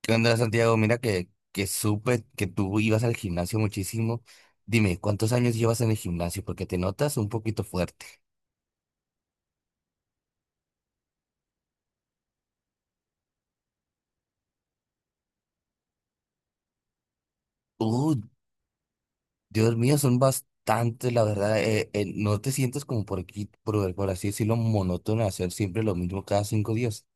¿Qué onda, Santiago? Mira que supe que tú ibas al gimnasio muchísimo. Dime, ¿cuántos años llevas en el gimnasio? Porque te notas un poquito fuerte. Uh, Dios mío, son bastantes, la verdad. No te sientes como por aquí, por así decirlo, monótono hacer siempre lo mismo cada 5 días.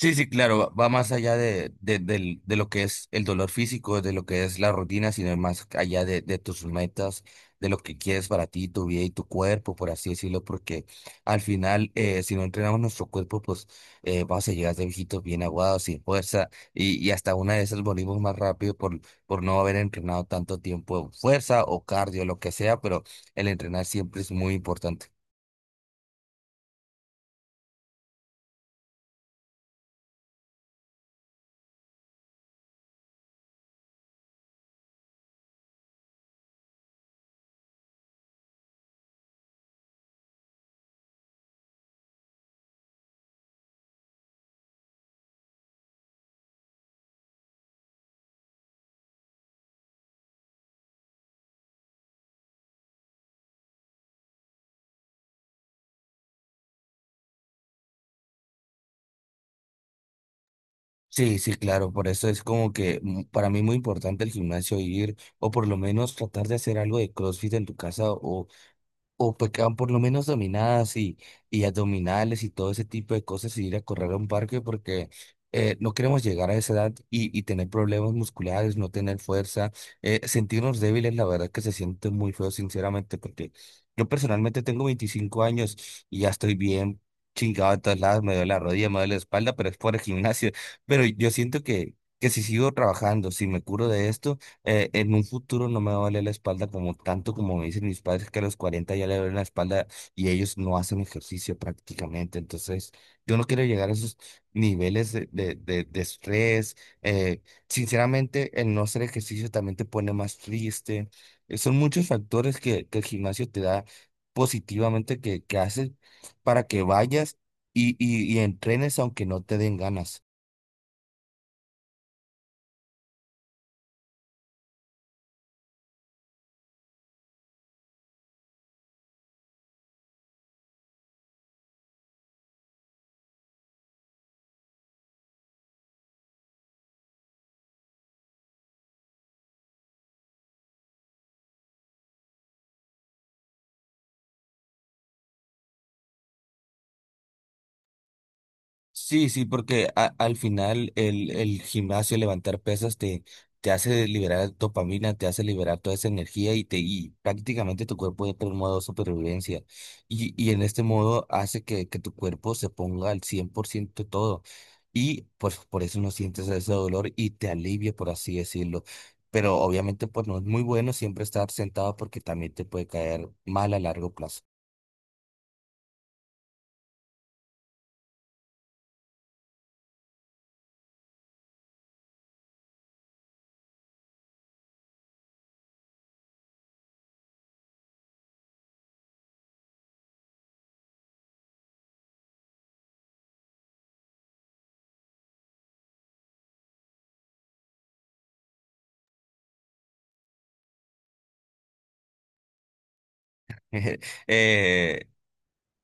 Sí, sí, claro, va más allá de, de lo que es el dolor físico, de lo que es la rutina, sino más allá de, tus metas, de lo que quieres para ti, tu vida y tu cuerpo, por así decirlo, porque al final, si no entrenamos nuestro cuerpo, pues vamos a llegar de viejitos bien aguados, sin fuerza, y hasta una de esas morimos más rápido por no haber entrenado tanto tiempo fuerza o cardio, lo que sea, pero el entrenar siempre es muy importante. Sí, sí, claro, por eso es como que para mí muy importante el gimnasio ir, o por lo menos tratar de hacer algo de CrossFit en tu casa, o pecaban por lo menos dominadas y abdominales y todo ese tipo de cosas, y ir a correr a un parque porque no queremos llegar a esa edad y tener problemas musculares, no tener fuerza, sentirnos débiles, la verdad que se siente muy feo, sinceramente, porque yo personalmente tengo 25 años y ya estoy bien chingado de todos lados, me duele la rodilla, me duele la espalda, pero es por el gimnasio. Pero yo siento que si sigo trabajando, si me curo de esto, en un futuro no me va a doler la espalda como tanto como me dicen mis padres que a los 40 ya le duele la espalda, y ellos no hacen ejercicio prácticamente. Entonces, yo no quiero llegar a esos niveles de estrés. eh, Sinceramente, el no hacer ejercicio también te pone más triste. Son muchos factores que el gimnasio te da positivamente, que haces para que vayas y entrenes aunque no te den ganas. Sí, sí, porque al final, el gimnasio, levantar pesas te hace liberar dopamina, te hace liberar toda esa energía, y prácticamente tu cuerpo entra en modo supervivencia. Y en este modo hace que tu cuerpo se ponga al 100% todo. Y pues por eso no sientes ese dolor y te alivia, por así decirlo. Pero obviamente pues no es muy bueno siempre estar sentado, porque también te puede caer mal a largo plazo. Eh,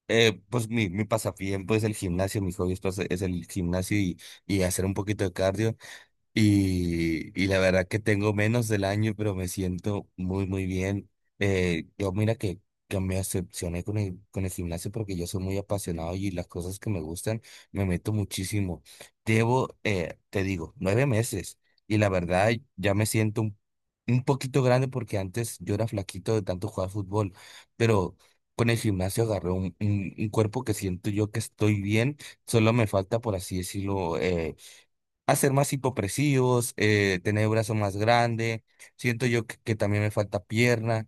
Pues mi pasatiempo es el gimnasio, mi hobby es el gimnasio, y hacer un poquito de cardio. Y la verdad que tengo menos del año, pero me siento muy, muy bien. Yo mira que me decepcioné con con el gimnasio, porque yo soy muy apasionado y las cosas que me gustan me meto muchísimo. Llevo, te digo, 9 meses, y la verdad ya me siento un poquito grande, porque antes yo era flaquito de tanto jugar fútbol, pero con el gimnasio agarré un cuerpo que siento yo que estoy bien. Solo me falta, por así decirlo, hacer más hipopresivos, tener brazo más grande, siento yo que también me falta pierna,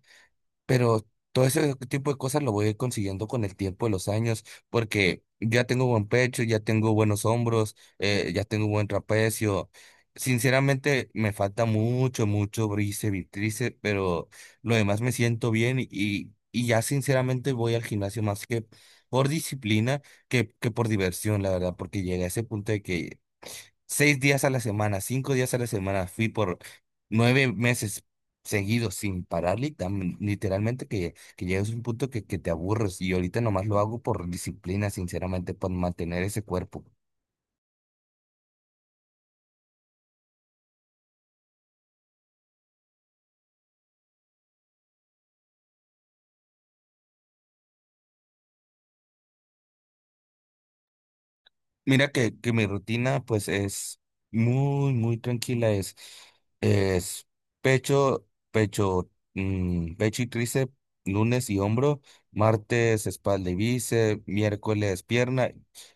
pero todo ese tipo de cosas lo voy a ir consiguiendo con el tiempo de los años, porque ya tengo buen pecho, ya tengo buenos hombros, ya tengo buen trapecio. Sinceramente me falta mucho, mucho bíceps y tríceps, pero lo demás me siento bien, y y ya sinceramente voy al gimnasio más que por disciplina que por diversión, la verdad, porque llegué a ese punto de que 6 días a la semana, 5 días a la semana, fui por 9 meses seguidos sin parar, literalmente que llegas a un punto que te aburres, y ahorita nomás lo hago por disciplina, sinceramente, por mantener ese cuerpo. Mira que mi rutina pues es muy, muy tranquila, es pecho, pecho y tríceps, lunes; y hombro, martes; espalda y bíceps, miércoles; pierna,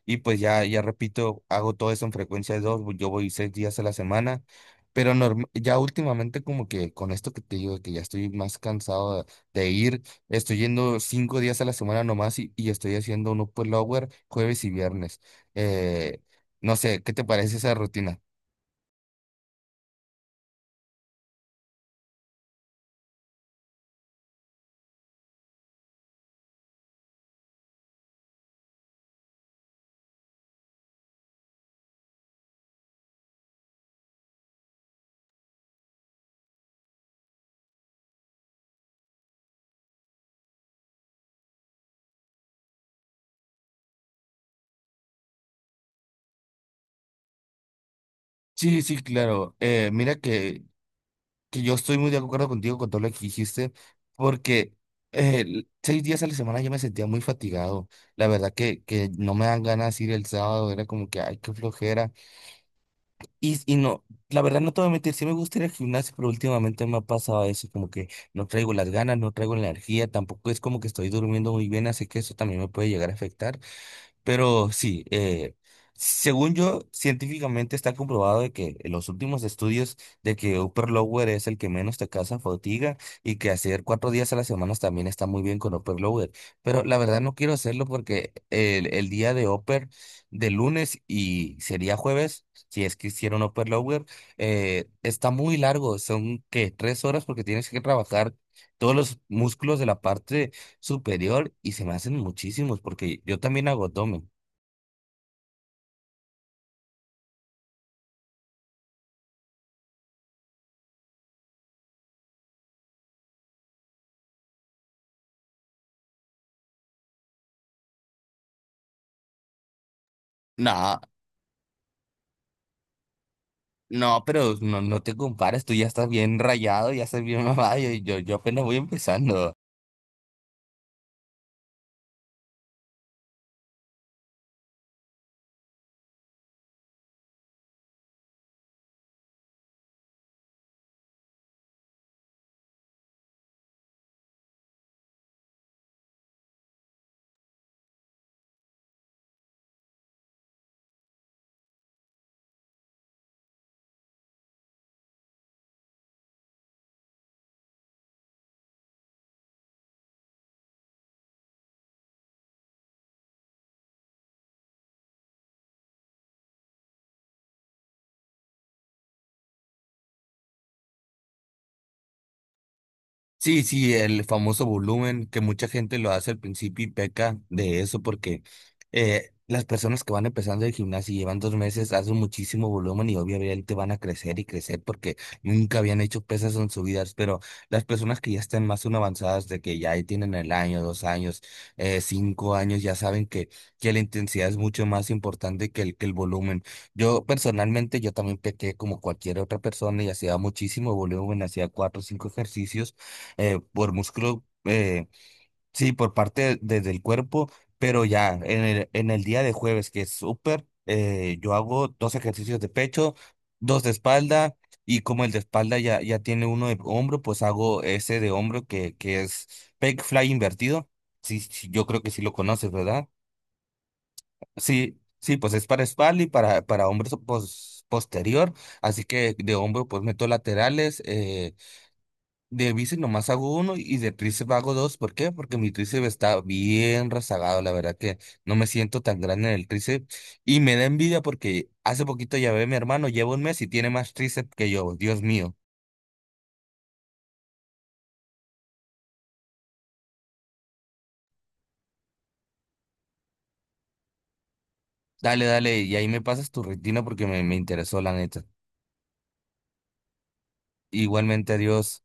y pues ya, ya repito, hago todo eso en frecuencia de 2. Yo voy 6 días a la semana, pero ya últimamente, como que con esto que te digo, de que ya estoy más cansado de ir, estoy yendo 5 días a la semana nomás, y estoy haciendo un upper lower jueves y viernes. Eh, no sé, ¿qué te parece esa rutina? Sí, sí, claro. Mira que yo estoy muy de acuerdo contigo con todo lo que dijiste, porque 6 días a la semana yo me sentía muy fatigado. La verdad que no me dan ganas ir el sábado, era como que, ay, qué flojera. Y no, la verdad no te voy a mentir, sí me gusta ir al gimnasio, pero últimamente me ha pasado eso, como que no traigo las ganas, no traigo la energía, tampoco es como que estoy durmiendo muy bien, así que eso también me puede llegar a afectar. Pero sí, según yo, científicamente está comprobado de que en los últimos estudios de que upper lower es el que menos te causa fatiga, y que hacer 4 días a la semana también está muy bien con upper lower. Pero la verdad no quiero hacerlo porque el día de upper de lunes, y sería jueves, si es que hicieron upper lower, está muy largo, son que 3 horas, porque tienes que trabajar todos los músculos de la parte superior, y se me hacen muchísimos porque yo también hago abdomen. No, no, pero no, no te compares, tú ya estás bien rayado, ya estás bien mamado, yo apenas voy empezando. Sí, sí, el famoso volumen, que mucha gente lo hace al principio y peca de eso, porque las personas que van empezando el gimnasio y llevan 2 meses hacen muchísimo volumen, y obviamente van a crecer y crecer porque nunca habían hecho pesas en su vida. Pero las personas que ya están más aún avanzadas, de que ya ahí tienen el año, 2 años, 5 años, ya saben que la intensidad es mucho más importante que el volumen. Yo personalmente, yo también pequé como cualquier otra persona, y hacía muchísimo volumen, hacía 4 o 5 ejercicios por músculo, sí, por parte del cuerpo, pero ya en en el día de jueves, que es súper, yo hago 2 ejercicios de pecho, 2 de espalda, y como el de espalda ya tiene uno de hombro, pues hago ese de hombro que es pec fly invertido. Sí, sí, yo creo que sí lo conoces, ¿verdad? Sí, sí, pues es para espalda y para hombros posterior, así que de hombro pues meto laterales, de bici nomás hago uno, y de tríceps hago 2. ¿Por qué? Porque mi tríceps está bien rezagado. La verdad que no me siento tan grande en el tríceps. Y me da envidia porque hace poquito, ya ve, mi hermano lleva 1 mes y tiene más tríceps que yo. Dios mío. Dale, dale. Y ahí me pasas tu rutina porque me interesó la neta. Igualmente, adiós.